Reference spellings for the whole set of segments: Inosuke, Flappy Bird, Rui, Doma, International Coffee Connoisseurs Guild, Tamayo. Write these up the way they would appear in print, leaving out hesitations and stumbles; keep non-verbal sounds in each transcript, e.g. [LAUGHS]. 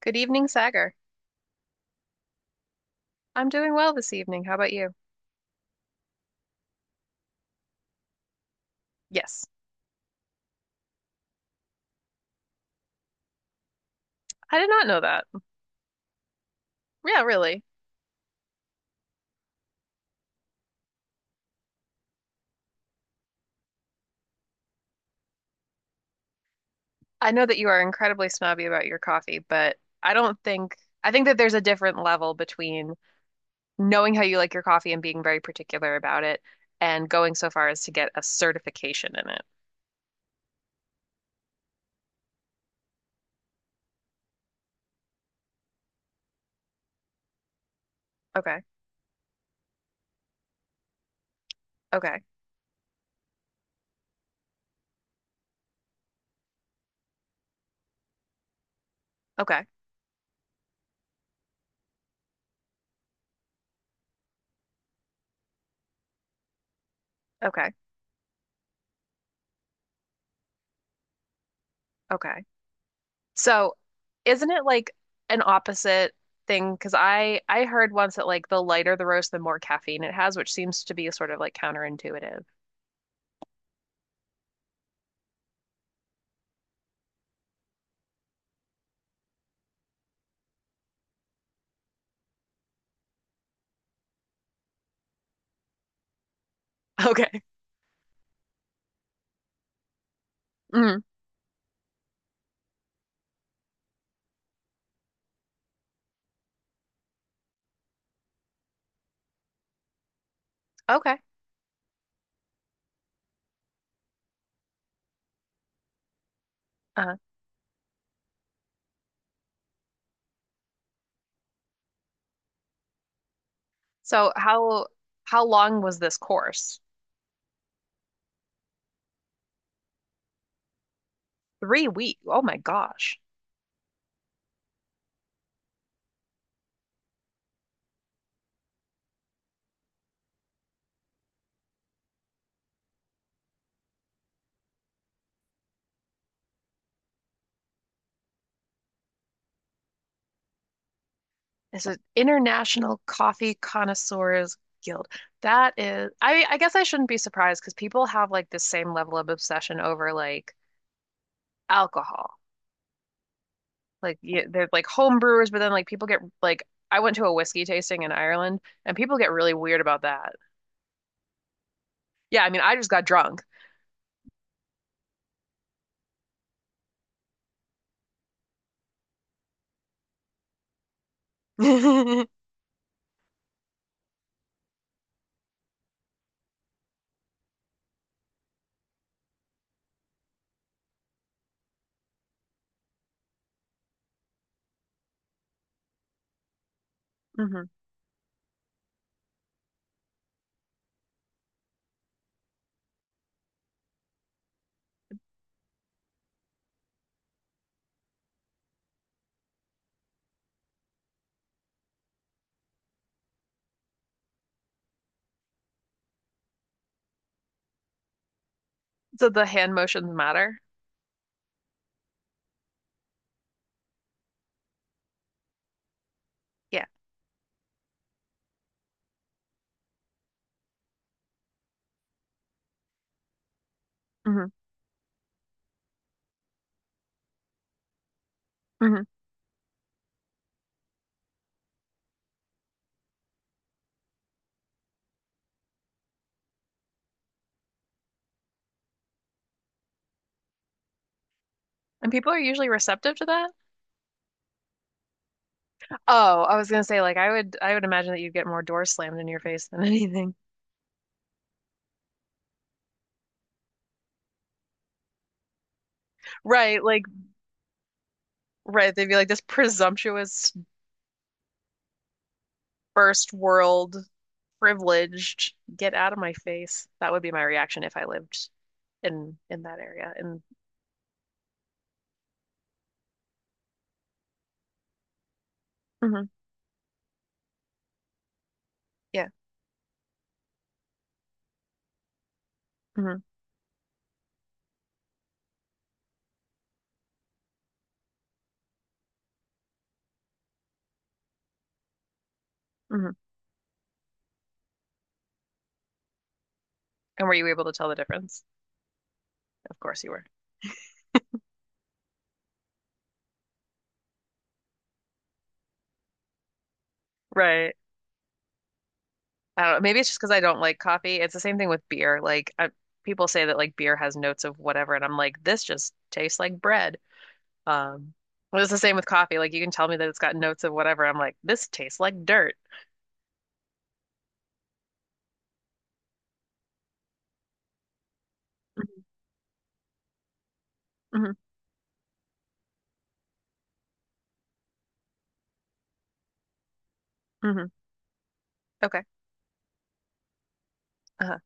Good evening, Sagar. I'm doing well this evening. How about you? Yes. I did not know that. Yeah, really. I know that you are incredibly snobby about your coffee, but I don't think I think that there's a different level between knowing how you like your coffee and being very particular about it and going so far as to get a certification in it. Okay. Okay. Okay. Okay. Okay. So, isn't it like an opposite thing? Because I heard once that like the lighter the roast, the more caffeine it has, which seems to be sort of like counterintuitive. Okay. Mm, okay. Uh, so how long was this course? 3 weeks. Oh my gosh. It's an International Coffee Connoisseurs Guild. That is, I guess I shouldn't be surprised because people have like this same level of obsession over like alcohol. Like yeah, they're like home brewers, but then like people get like I went to a whiskey tasting in Ireland and people get really weird about that. Yeah, I mean, I just got drunk. [LAUGHS] Hmm. So the hand motions matter. Yeah. Hmm. And people are usually receptive to that? Oh, I was gonna say, like, I would imagine that you'd get more doors slammed in your face than [LAUGHS] anything. Right, like right, they'd be like, this presumptuous first world privileged, get out of my face. That would be my reaction if I lived in that area. And mhm, yeah. Mhm, mhm. And were you able to tell the difference? Of course you were. Right. I don't know. Maybe it's just because I don't like coffee. It's the same thing with beer. Like I, people say that like beer has notes of whatever, and I'm like, this just tastes like bread. Um, it was the same with coffee. Like you can tell me that it's got notes of whatever. I'm like, this tastes like dirt. Hmm. Hmm. Okay. Uh-huh.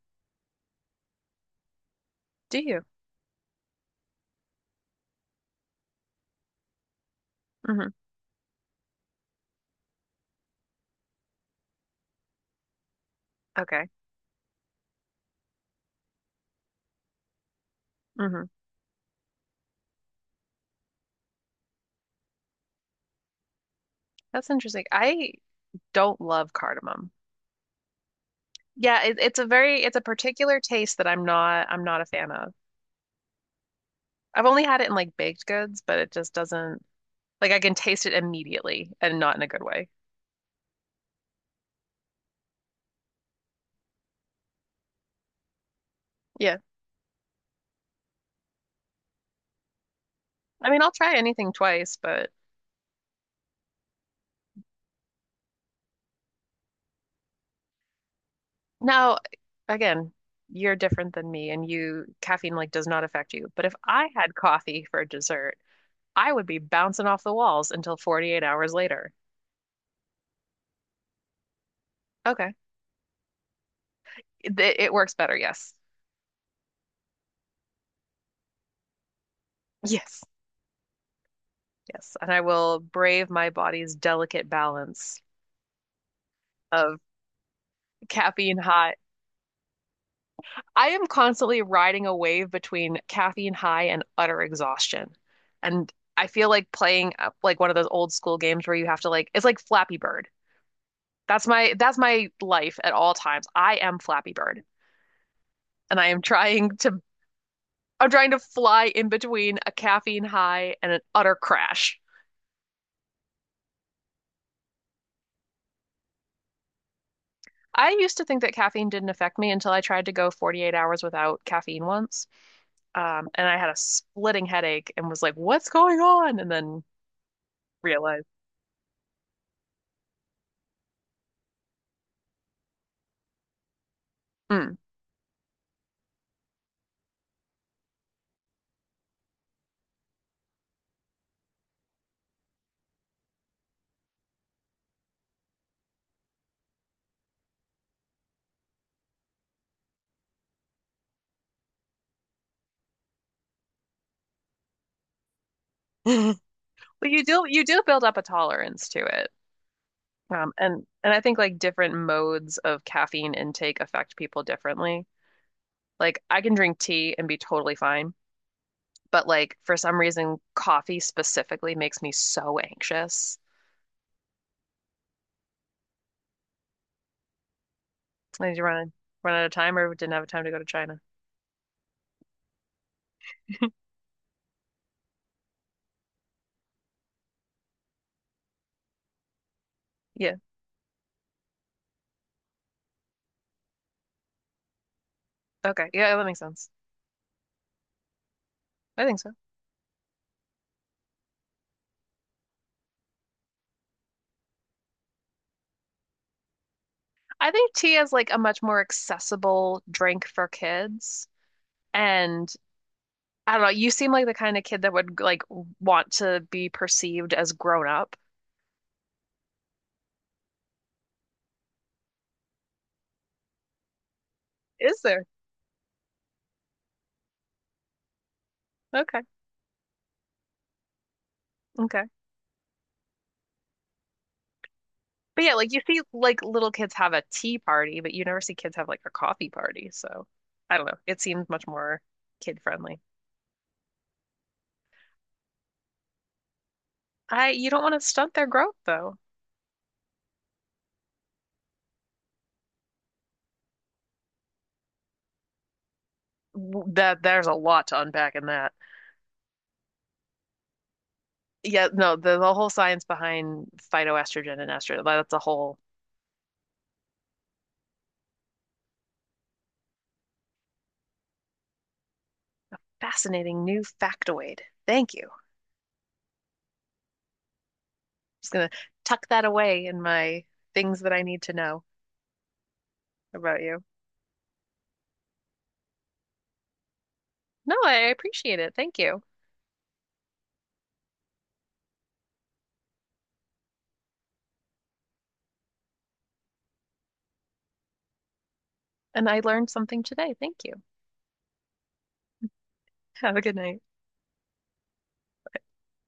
Do you? Hmm. Okay. Hmm. That's interesting. I don't love cardamom. Yeah, it's a very it's a particular taste that I'm not a fan of. I've only had it in like baked goods, but it just doesn't like I can taste it immediately and not in a good way. Yeah. I mean, I'll try anything twice, but now, again, you're different than me and you caffeine like does not affect you. But if I had coffee for dessert, I would be bouncing off the walls until 48 hours later. Okay. It works better, yes. Yes. Yes. And I will brave my body's delicate balance of caffeine high. I am constantly riding a wave between caffeine high and utter exhaustion. And I feel like playing like one of those old school games where you have to like it's like Flappy Bird. That's my life at all times. I am Flappy Bird, and I am trying to I'm trying to fly in between a caffeine high and an utter crash. I used to think that caffeine didn't affect me until I tried to go 48 hours without caffeine once. And I had a splitting headache and was like, "What's going on?" And then realized, mm. [LAUGHS] But you do build up a tolerance to it. And I think like different modes of caffeine intake affect people differently. Like I can drink tea and be totally fine, but like for some reason, coffee specifically makes me so anxious. Did you run out of time or didn't have time to go to China? Yeah. Okay. Yeah, that makes sense. I think so. I think tea is like a much more accessible drink for kids. And I don't know, you seem like the kind of kid that would like want to be perceived as grown up. Is there? Okay. Okay. But yeah, like you see like little kids have a tea party, but you never see kids have like a coffee party. So I don't know. It seems much more kid friendly. I you don't want to stunt their growth though. That there's a lot to unpack in that. Yeah, no, the whole science behind phytoestrogen and estrogen, that's a whole fascinating new factoid. Thank you. I'm just gonna tuck that away in my things that I need to know about you. No, I appreciate it. Thank you. And I learned something today. Thank you. Have a good night.